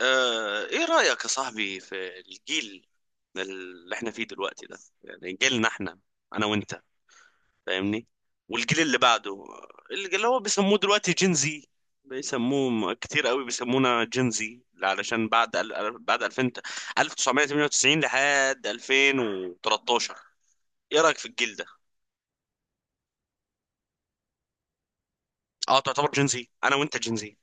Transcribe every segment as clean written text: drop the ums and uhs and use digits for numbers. ايه رأيك يا صاحبي في الجيل اللي احنا فيه دلوقتي ده؟ يعني جيلنا احنا، انا وانت، فاهمني؟ والجيل اللي بعده اللي هو بيسموه دلوقتي جينزي. كتير قوي بيسمونا جينزي علشان بعد بعد 2000، 1998 لحد 2013. ايه رأيك في الجيل ده؟ اه، تعتبر جينزي انا وانت جينزي.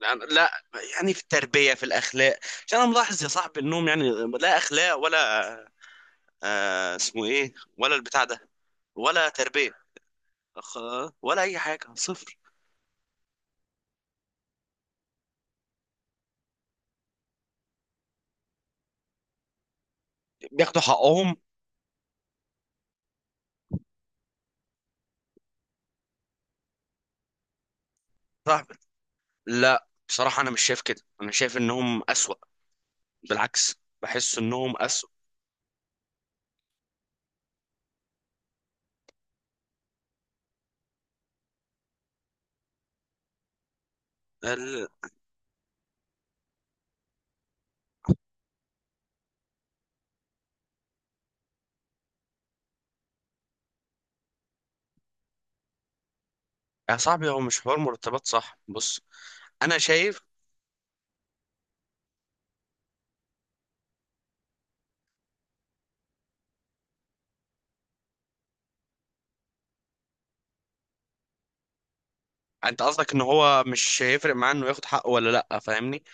لا لا، يعني في التربية، في الأخلاق. عشان أنا ملاحظ يا صاحبي إنهم يعني لا أخلاق ولا اسمه ايه ولا البتاع ده، ولا تربية. أخ... ولا اي حاجة، صفر. بياخدوا حقهم؟ صاحبي، لا، بصراحة انا مش شايف كده، انا شايف انهم اسوأ. بالعكس، بحس انهم اسوأ. ال... يا صاحبي هو مش حوار مرتبات، صح؟ بص، انا شايف، انت قصدك ان هو مش هيفرق معاه انه ياخد حقه ولا لا، فاهمني؟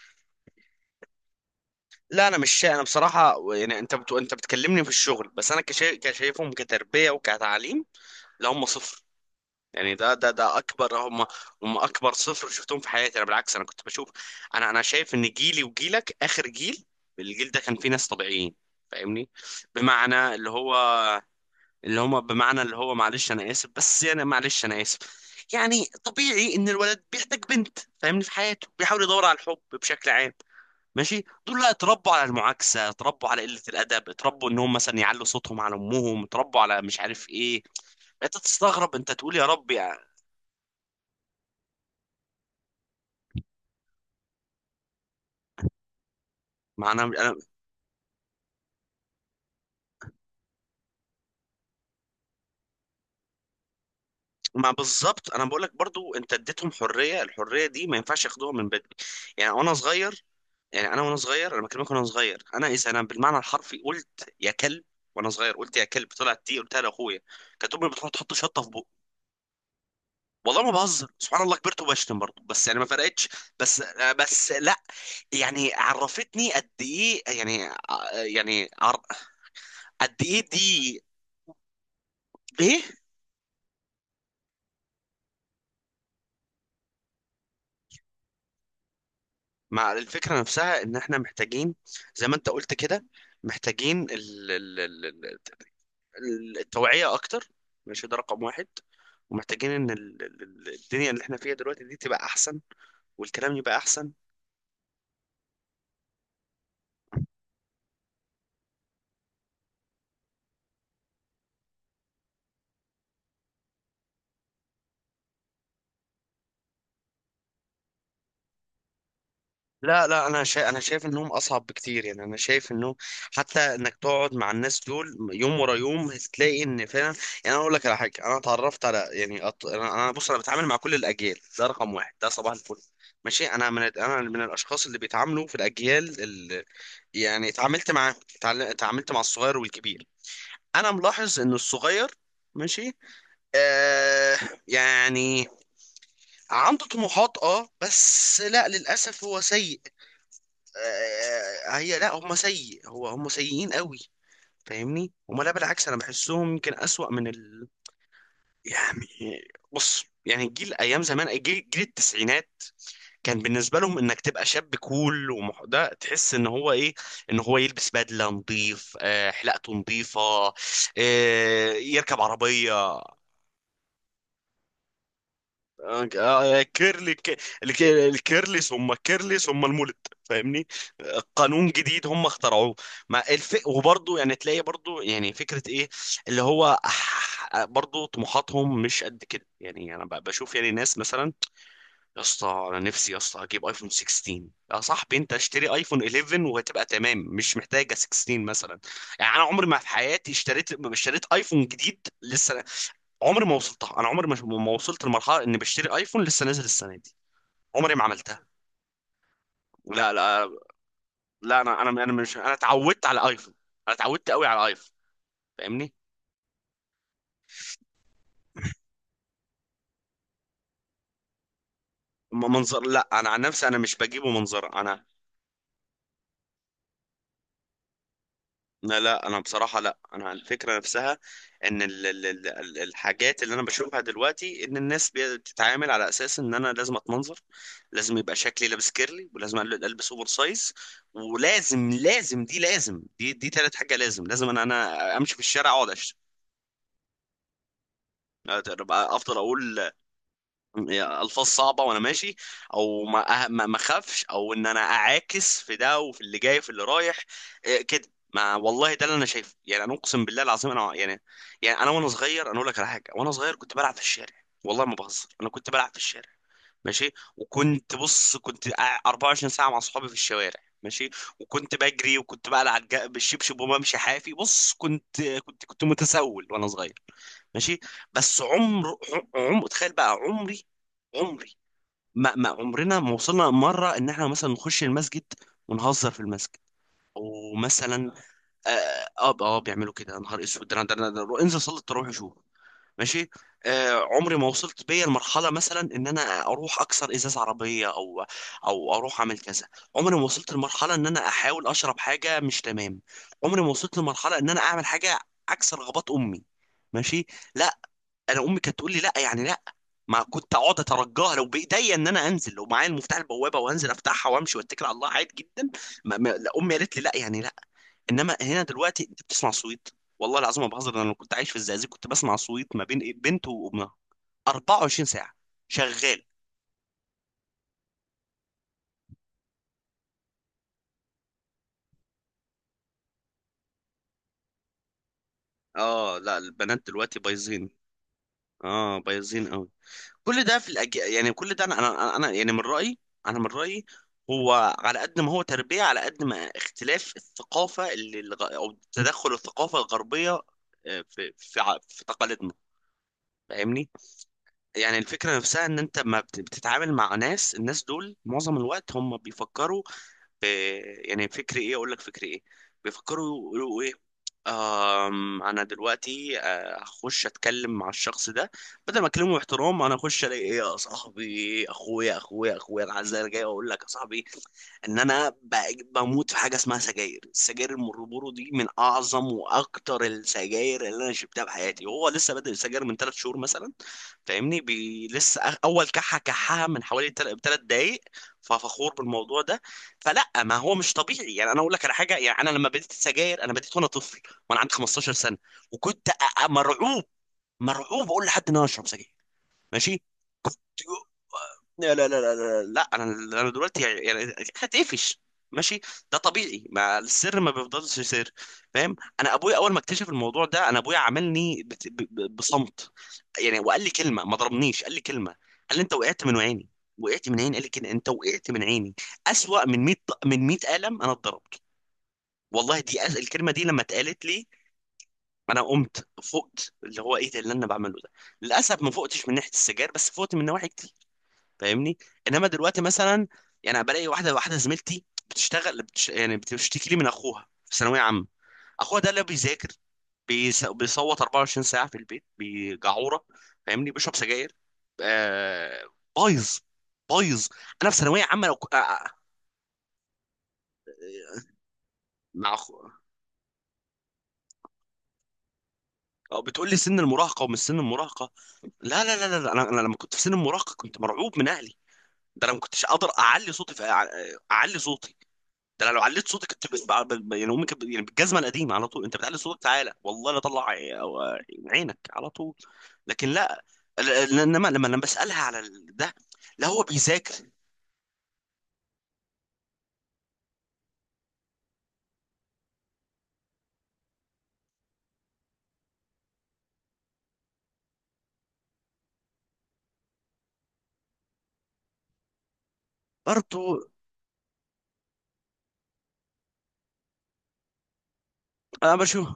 لا انا مش شايف، انا بصراحه يعني انت انت بتكلمني في الشغل، بس انا كشايفهم كتربيه وكتعليم. لا، هم صفر. يعني ده ده اكبر هم، هم اكبر صفر شفتهم في حياتي. انا بالعكس انا كنت بشوف، انا شايف ان جيلي وجيلك اخر جيل. الجيل ده كان فيه ناس طبيعيين، فاهمني؟ بمعنى اللي هو، اللي هم، بمعنى اللي هو معلش انا اسف، بس يعني معلش انا اسف. يعني طبيعي ان الولد بيحتاج بنت، فاهمني؟ في حياته بيحاول يدور على الحب بشكل عام. ماشي، دول لا، اتربوا على المعاكسة، اتربوا على قلة الأدب، اتربوا ان هم مثلا يعلوا صوتهم على أمهم، اتربوا على مش عارف ايه. انت تستغرب، انت تقول يا رب. ما انا ما بالظبط، انا بقول لك برضو، انت اديتهم حريه، الحريه دي ما ينفعش ياخدوها من بدري. يعني وانا صغير، يعني انا وانا صغير، انا بكلمك وانا صغير، انا اذا انا بالمعنى الحرفي قلت يا كلب وانا صغير، قلت يا كلب طلعت دي قلتها لاخويا، كانت امي بتروح تحط شطه في بقي. والله ما بهزر، سبحان الله كبرت وبشتم برضه، بس يعني ما فرقتش. بس، بس لا، يعني عرفتني قد ايه يعني، يعني قد ايه دي، ايه. مع الفكرة نفسها ان احنا محتاجين، زي ما انت قلت كده، محتاجين التوعية اكتر. ماشي، ده رقم واحد. ومحتاجين ان الدنيا اللي احنا فيها دلوقتي دي تبقى احسن، والكلام يبقى احسن. لا لا، انا شايف انهم اصعب بكتير. يعني انا شايف انه حتى انك تقعد مع الناس دول يوم ورا يوم هتلاقي ان فعلا، يعني انا اقول لك على حاجه. انا اتعرفت على يعني بص، انا بتعامل مع كل الاجيال، ده رقم واحد، ده صباح الفل. ماشي، انا من الاشخاص اللي بيتعاملوا في الاجيال اللي، يعني اتعاملت معاهم، اتعاملت مع الصغير والكبير. انا ملاحظ ان الصغير، ماشي، آه، يعني عنده طموحات، اه، بس لا، للاسف هو سيء. آه، آه، آه، هي لا هم سيء هو هم سيئين قوي، فاهمني؟ هم لا، بالعكس انا بحسهم يمكن اسوأ يعني. بص، يعني الجيل ايام زمان، جيل, جيل التسعينات، كان بالنسبه لهم انك تبقى شاب كول، ده تحس ان هو ايه، ان هو يلبس بدله نظيف، حلاقته نظيفه، يركب عربيه، كيرلي، الكيرلي ثم الكيرلي ثم المولد، فاهمني؟ قانون جديد هم اخترعوه. وبرضه يعني تلاقي برضه يعني فكرة ايه، اللي هو برضه طموحاتهم مش قد كده. يعني انا بشوف يعني ناس مثلا، يا اسطى انا نفسي يا اسطى اجيب ايفون 16. يا صاحبي، انت اشتري ايفون 11 وهتبقى تمام، مش محتاجه 16 مثلا. يعني انا عمري ما في حياتي اشتريت، ما اشتريت ايفون جديد لسه. عمري ما وصلتها، انا عمري ما، ما وصلت لمرحله اني بشتري ايفون لسه نازل السنه دي. عمري ما عملتها. لا لا لا، انا مش اتعودت على ايفون، انا اتعودت قوي على ايفون، فاهمني؟ منظر؟ لا، انا عن نفسي انا مش بجيبه منظر. انا لا لا، انا بصراحه لا، انا الفكره نفسها ان الحاجات اللي انا بشوفها دلوقتي ان الناس بتتعامل على اساس ان انا لازم اتمنظر، لازم يبقى شكلي لابس كيرلي، ولازم البس اوفر سايز، ولازم لازم دي لازم دي دي تالت حاجه، لازم، لازم انا امشي في الشارع اقعد اشتم، أبقى افضل اقول الفاظ صعبه وانا ماشي، او ما أه- ما ما اخافش، او ان انا اعاكس في ده وفي اللي جاي وفي اللي رايح. إيه كده؟ ما والله ده اللي انا شايفه، يعني انا اقسم بالله العظيم انا يعني، يعني انا وانا صغير، انا اقول لك على حاجه، وانا صغير كنت بلعب في الشارع، والله ما بهزر. انا كنت بلعب في الشارع، ماشي، وكنت بص، 24 ساعه مع اصحابي في الشوارع. ماشي، وكنت بجري وكنت بقلع بالشبشب وبمشي حافي، بص كنت، كنت متسول وانا صغير، ماشي. بس عمر، عمر، تخيل بقى عمري، عمري ما، ما عمرنا ما وصلنا مرة ان احنا مثلا نخش المسجد ونهزر في المسجد ومثلا. اه اه، بيعملوا كده؟ يا نهار اسود، ده انا، انزل صلي التراويح شوف. ماشي، آه، عمري ما وصلت بيا المرحلة مثلا ان انا اروح اكسر ازاز عربية او او اروح اعمل كذا. عمري ما وصلت لمرحلة ان انا احاول اشرب حاجة مش تمام. عمري ما وصلت لمرحلة ان انا اعمل حاجة عكس رغبات امي، ماشي، لا. انا امي كانت تقول لي لا يعني لا. ما كنت اقعد اترجاها، لو بايديا ان انا انزل، لو معايا المفتاح البوابه وانزل افتحها وامشي واتكل على الله، عادي جدا. ما ما لا، امي قالت لي لا يعني لا. انما هنا دلوقتي انت بتسمع صويت، والله العظيم ما بهزر، انا لو كنت عايش في الزقازيق كنت بسمع صويت ما بين بنت وامها 24 ساعه شغال. اه لا، البنات دلوقتي بايظين، اه بايظين. كل ده يعني كل ده انا يعني من رأيي، انا من رأيي، هو على قد ما هو تربية على قد ما اختلاف الثقافة او تدخل الثقافة الغربية في في تقاليدنا، فاهمني؟ يعني الفكرة نفسها ان انت ما بت- بتتعامل مع ناس، الناس دول معظم الوقت هم بيفكروا. إيه يعني فكري ايه؟ اقول لك فكري ايه، بيفكروا يقولوا ايه؟ آم، انا دلوقتي هخش اتكلم مع الشخص ده، بدل ما اكلمه باحترام انا اخش الاقي ايه. يا صاحبي اخويا، اخويا العزيز، انا جاي اقول لك يا صاحبي ان انا بموت في حاجه اسمها سجاير. السجاير المربورو دي من اعظم واكتر السجاير اللي انا شربتها في حياتي، وهو لسه بادئ السجاير من ثلاث شهور مثلا، فاهمني؟ لسه اول كحه كحها من حوالي تلات دقايق، ففخور بالموضوع ده. فلا، ما هو مش طبيعي. يعني انا اقول لك على حاجه، يعني انا لما بديت السجاير انا بديت وانا طفل، وانا عندي 15 سنه، وكنت أ- مرعوب، مرعوب اقول لحد ان انا اشرب سجاير، ماشي. كنت، لا لا لا لا لا, لا. انا انا دلوقتي يعني، يعني هتقفش، ماشي. ده طبيعي، ما السر ما بيفضلش سر، فاهم؟ انا ابويا اول ما اكتشف الموضوع ده، انا ابويا عملني بصمت، يعني وقال لي كلمه، ما ضربنيش، قال لي كلمه، قال لي انت وقعت من عيني. وقعت من عيني، قال لي كده، انت وقعت من عيني. اسوأ من 100، من 100 قلم انا اتضربت، والله. دي الكلمه دي لما اتقالت لي انا قمت، فقت. اللي هو ايه ده اللي انا بعمله ده؟ للاسف ما فقتش من ناحيه السجاير، بس فقت من نواحي، فاهمني؟ انما دلوقتي مثلا، يعني بلاقي واحده، واحده زميلتي بتشتغل، يعني بتشتكي لي من اخوها في ثانويه عامه. اخوها ده اللي بيذاكر، بيصوت 24 ساعه في البيت بجعوره، فاهمني؟ بيشرب سجاير، آه، بايظ، بايظ. انا في ثانويه عامه لو مع اخو، بتقول لي سن المراهقه ومش سن المراهقه. لا لا لا لا لا، انا، انا لما كنت في سن المراهقه كنت مرعوب من اهلي. ده انا ما كنتش اقدر اعلي صوتي اعلي صوتي. ده انا لو عليت صوتك كنت يعني امي كانت يعني بالجزمه القديمه على طول، انت بتعلي صوتك تعالى، والله لا طلع عينك على طول. لكن لا، انما لما بسالها على ده، لا هو بيذاكر برضه. انا بشوف،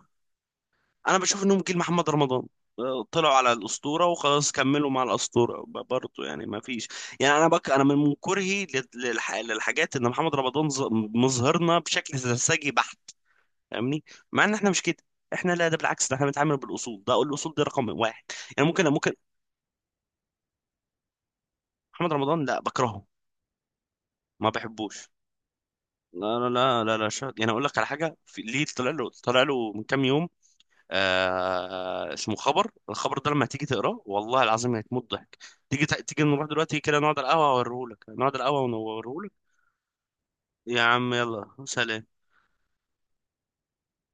انا بشوف انهم جيل محمد رمضان، طلعوا على الاسطوره وخلاص كملوا مع الاسطوره، برضه يعني ما فيش. يعني انا بك، انا من كرهي للحاجات، ان محمد رمضان مظهرنا بشكل سرسجي بحت، فاهمني؟ مع ان احنا مش كده، احنا لا، ده بالعكس، ده احنا بنتعامل بالاصول، ده اقول الاصول دي رقم واحد. يعني ممكن، ممكن. محمد رمضان لا، بكرهه، ما بحبوش. لا لا لا لا لا شا... يعني اقول لك على حاجه ليه طلع له، طلع له من كام يوم اسمه خبر، الخبر ده لما تيجي تقراه والله العظيم هتموت ضحك. تيجي نروح دلوقتي كده نقعد على القهوه اوريهولك، نقعد على القهوه ونوريهولك. يا عم يلا سلام.